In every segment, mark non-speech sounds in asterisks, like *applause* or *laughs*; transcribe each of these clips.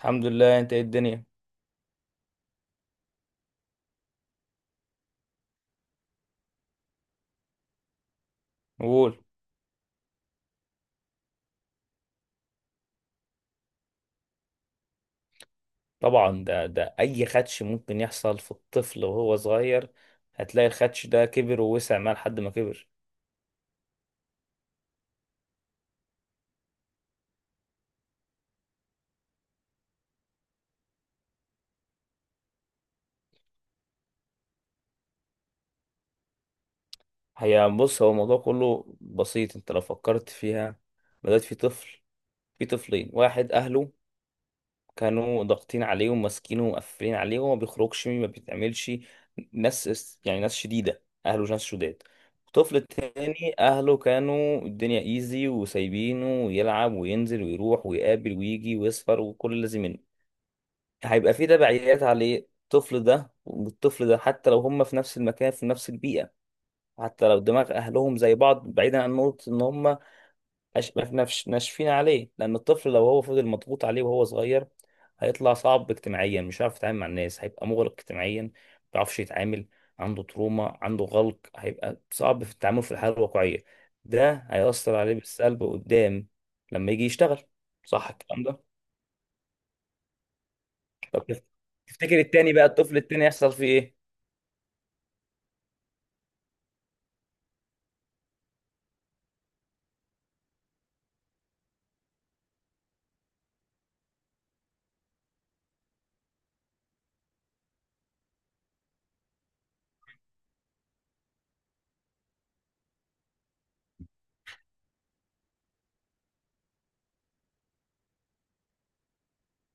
الحمد لله. انت ايه الدنيا؟ قول. طبعا ده اي خدش ممكن يحصل في الطفل وهو صغير. هتلاقي الخدش ده كبر ووسع معاه لحد ما كبر. هي بص، هو الموضوع كله بسيط انت لو فكرت فيها. بدأت في طفل، في طفلين. واحد اهله كانوا ضاغطين عليه وماسكينه ومقفلين عليه وما بيخرجش ما بيتعملش. يعني ناس شديدة، أهله ناس شداد. الطفل التاني أهله كانوا الدنيا إيزي وسايبينه يلعب وينزل ويروح ويقابل ويجي ويسهر وكل اللي زي منه. هيبقى في تبعيات عليه الطفل ده والطفل ده، حتى لو هما في نفس المكان في نفس البيئة، حتى لو دماغ أهلهم زي بعض، بعيدا عن نقطة إن هما أش... ما- ما فيش- ناشفين عليه. لأن الطفل لو هو فضل مضغوط عليه وهو صغير، هيطلع صعب اجتماعيا، مش هيعرف يتعامل مع الناس، هيبقى مغلق اجتماعيا، ما بيعرفش يتعامل. عنده تروما، عنده غلق، هيبقى صعب في التعامل في الحياة الواقعية. ده هيأثر عليه بالسلب قدام لما يجي يشتغل. صح الكلام ده؟ طب تف- تفتكر التاني بقى، الطفل التاني، يحصل فيه ايه؟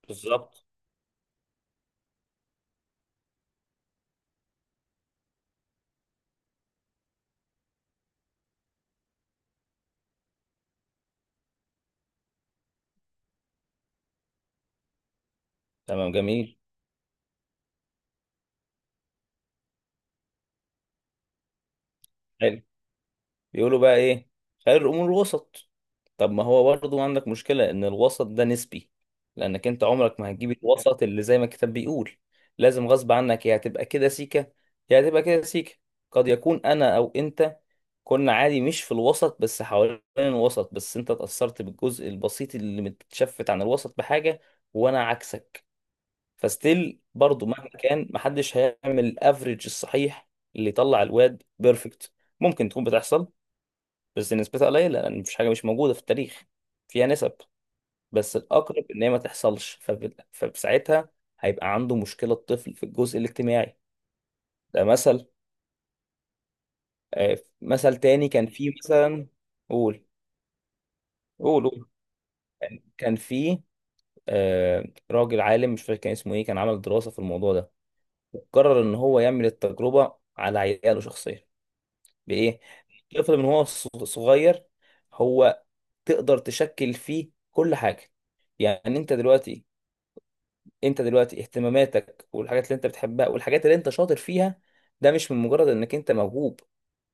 بالظبط، تمام، جميل، حلو. بيقولوا بقى ايه؟ خير الامور الوسط. طب ما هو برضه عندك مشكلة ان الوسط ده نسبي. لانك انت عمرك ما هتجيب الوسط اللي زي ما الكتاب بيقول. لازم غصب عنك يا هتبقى كده سيكة يا هتبقى كده سيكة. قد يكون انا او انت كنا عادي مش في الوسط بس حوالين الوسط، بس انت اتأثرت بالجزء البسيط اللي متشفت عن الوسط بحاجة، وانا عكسك. فستيل برضه مهما كان محدش هيعمل الافريج الصحيح اللي يطلع الواد بيرفكت. ممكن تكون بتحصل بس نسبتها قليلة، لأن مفيش حاجة مش موجودة في التاريخ فيها نسب. بس الأقرب إن هي ما تحصلش. فساعتها هيبقى عنده مشكلة، الطفل، في الجزء الاجتماعي. ده مثل. مثل تاني كان فيه مثلا. قول قول قول. كان فيه آه راجل عالم، مش فاكر كان اسمه إيه، كان عمل دراسة في الموضوع ده، وقرر إن هو يعمل التجربة على عياله شخصيا. بإيه؟ الطفل من هو صغير، هو تقدر تشكل فيه كل حاجة. يعني انت دلوقتي اهتماماتك والحاجات اللي انت بتحبها والحاجات اللي انت شاطر فيها، ده مش من مجرد انك انت موهوب.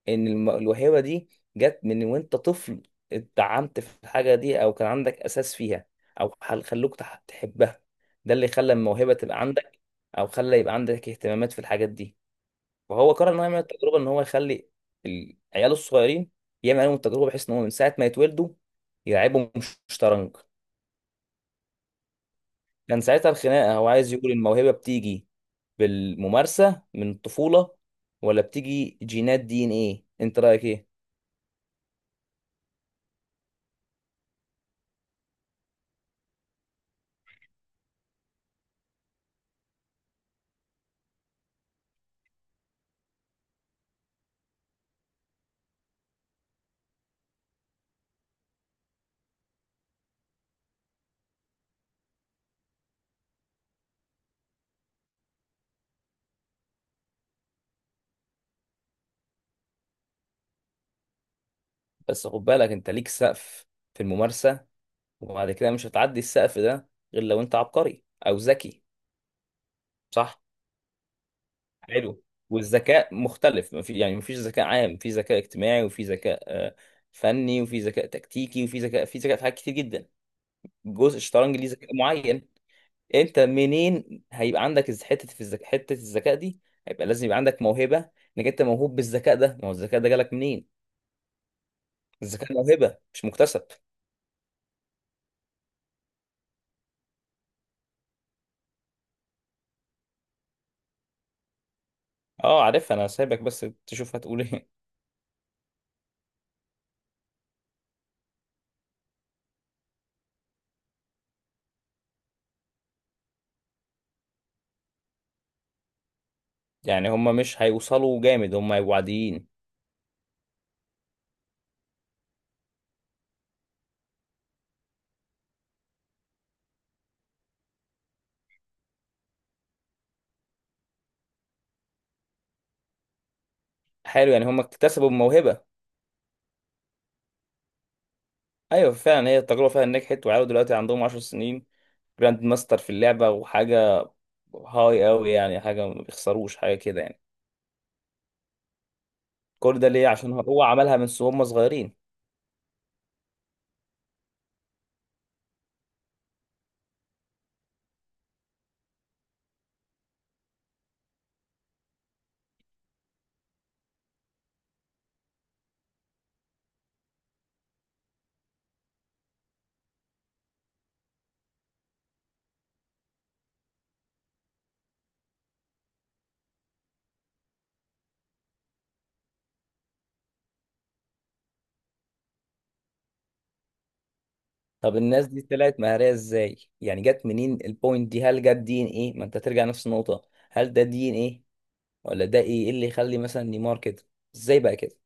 ان الموهبة دي جت من وانت طفل، اتدعمت في الحاجة دي او كان عندك اساس فيها، او تحبها، ده اللي خلى الموهبة تبقى عندك، او خلى يبقى عندك اهتمامات في الحاجات دي. فهو قرر ان هو يعمل التجربة، ان هو يخلي عياله الصغيرين يعمل عليهم التجربة، بحيث ان هو من ساعة ما يتولدوا يلعبهم شطرنج. كان ساعتها الخناقة هو عايز يقول الموهبة بتيجي بالممارسة من الطفولة، ولا بتيجي جينات، دي ان ايه؟ انت رأيك ايه؟ بس خد بالك، انت ليك سقف في الممارسة، وبعد كده مش هتعدي السقف ده غير لو انت عبقري او ذكي. صح؟ حلو. والذكاء مختلف، مفي يعني مفيش ذكاء عام. في ذكاء اجتماعي، وفي ذكاء آه، فني، وفي ذكاء تكتيكي، وفي ذكاء، في ذكاء، في حاجات كتير جدا. جزء الشطرنج ليه ذكاء معين، انت منين هيبقى عندك حته في الذكاء، حته الذكاء دي هيبقى لازم يبقى عندك موهبه، انك انت موهوب بالذكاء ده. ما هو الذكاء ده جالك منين؟ الذكاء موهبه مش مكتسب. اه عارفها، انا سايبك بس تشوف هتقول ايه. *laughs* يعني هما مش هيوصلوا جامد، هما هيبقوا عاديين. حلو، يعني هما اكتسبوا الموهبه. ايوه فعلا، هي التجربه فعلا نجحت، وعيال دلوقتي عندهم 10 سنين، جراند ماستر في اللعبه، وحاجه هاي قوي يعني، حاجه ما بيخسروش حاجه كده يعني. كل ده ليه؟ عشان هو عملها من هما صغيرين. طب الناس دي طلعت مهارية ازاي؟ يعني جت منين البوينت دي؟ هل جت دي ان ايه؟ ما انت ترجع نفس النقطة. هل ده دي ان ايه ولا ده ايه؟ إيه اللي يخلي مثلا نيمار كده؟ ازاي بقى كده؟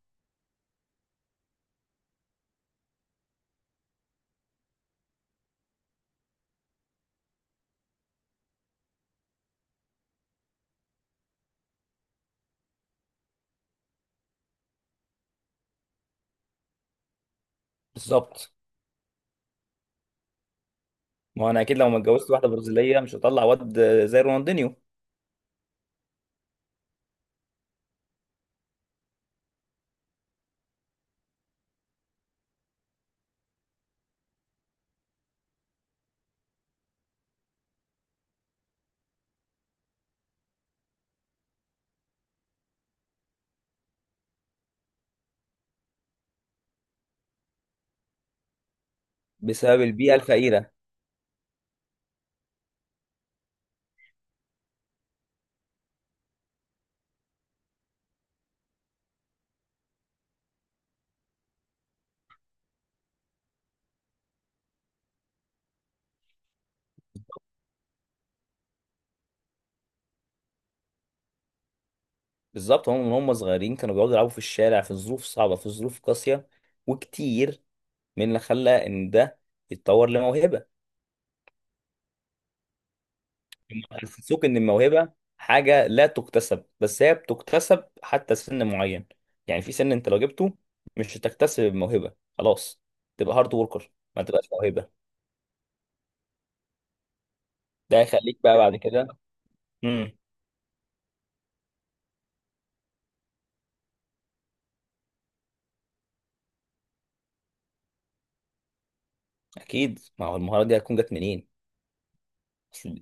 بالظبط. ما هو انا اكيد لو ما اتجوزت واحدة برازيلية مش هطلع واد زي رونالدينيو. بسبب البيئة الفقيرة بالظبط. هم من هم صغيرين كانوا بيقعدوا يلعبوا في الشارع، في ظروف صعبة، في ظروف قاسية وكتير، من اللي خلى ان ده يتطور لموهبة. هم حسسوك ان الموهبه حاجه لا تكتسب، بس هي بتكتسب حتى سن معين. يعني في سن انت لو جبته مش هتكتسب الموهبه خلاص، تبقى هارد وركر، ما تبقاش موهبه. ده هيخليك بقى بعد كده. امم. اكيد، ما هو المهاره دي هتكون جت منين؟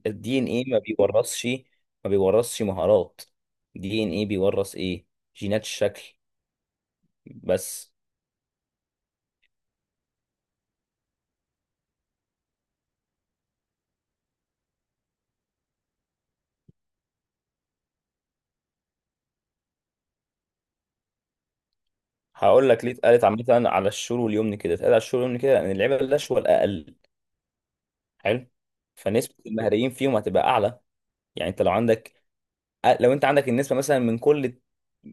الدي ان ايه ما بيورثش، ما بيورثش مهارات. الدي ان ايه بيورث ايه؟ جينات الشكل بس. هقول لك ليه. اتقالت عامه على الشور واليمن كده، اتقال على الشور واليمن كده ان اللعيبه الناشئه الاقل. حلو. فنسبة المهريين فيهم هتبقى أعلى. يعني أنت لو عندك، لو أنت عندك النسبة مثلا من كل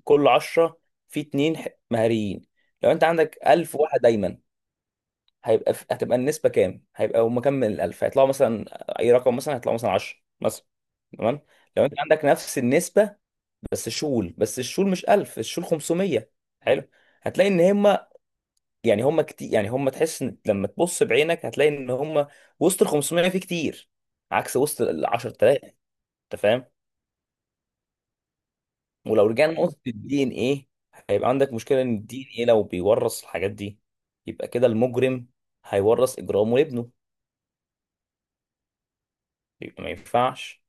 كل 10، في اتنين مهريين. لو أنت عندك 1000 واحد دايما، هيبقى في... هتبقى النسبة كام؟ هيبقى هم كام من ال 1000 هيطلعوا مثلا؟ أي رقم، مثلا هيطلعوا مثلا 10 مثلا. تمام. لو أنت عندك نفس النسبة بس شول، بس الشول مش 1000، الشول 500. حلو. هتلاقي ان هم، يعني هم كتير، يعني هم تحس إن لما تبص بعينك هتلاقي ان هم وسط ال 500 في كتير عكس وسط ال 10000. انت فاهم؟ ولو رجعنا ايوه لنقطه الدي ان ايه، هيبقى عندك مشكله ان الدي ان ايه لو بيورث الحاجات دي، يبقى كده المجرم هيورث اجرامه لابنه، يبقى ما ينفعش.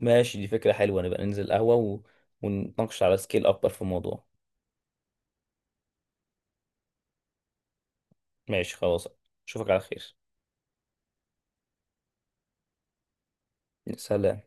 ماشي، دي فكره حلوه، نبقى ننزل قهوه و... ونتناقش على سكيل اكبر في الموضوع. ماشي خلاص. اشوفك على خير. سلام.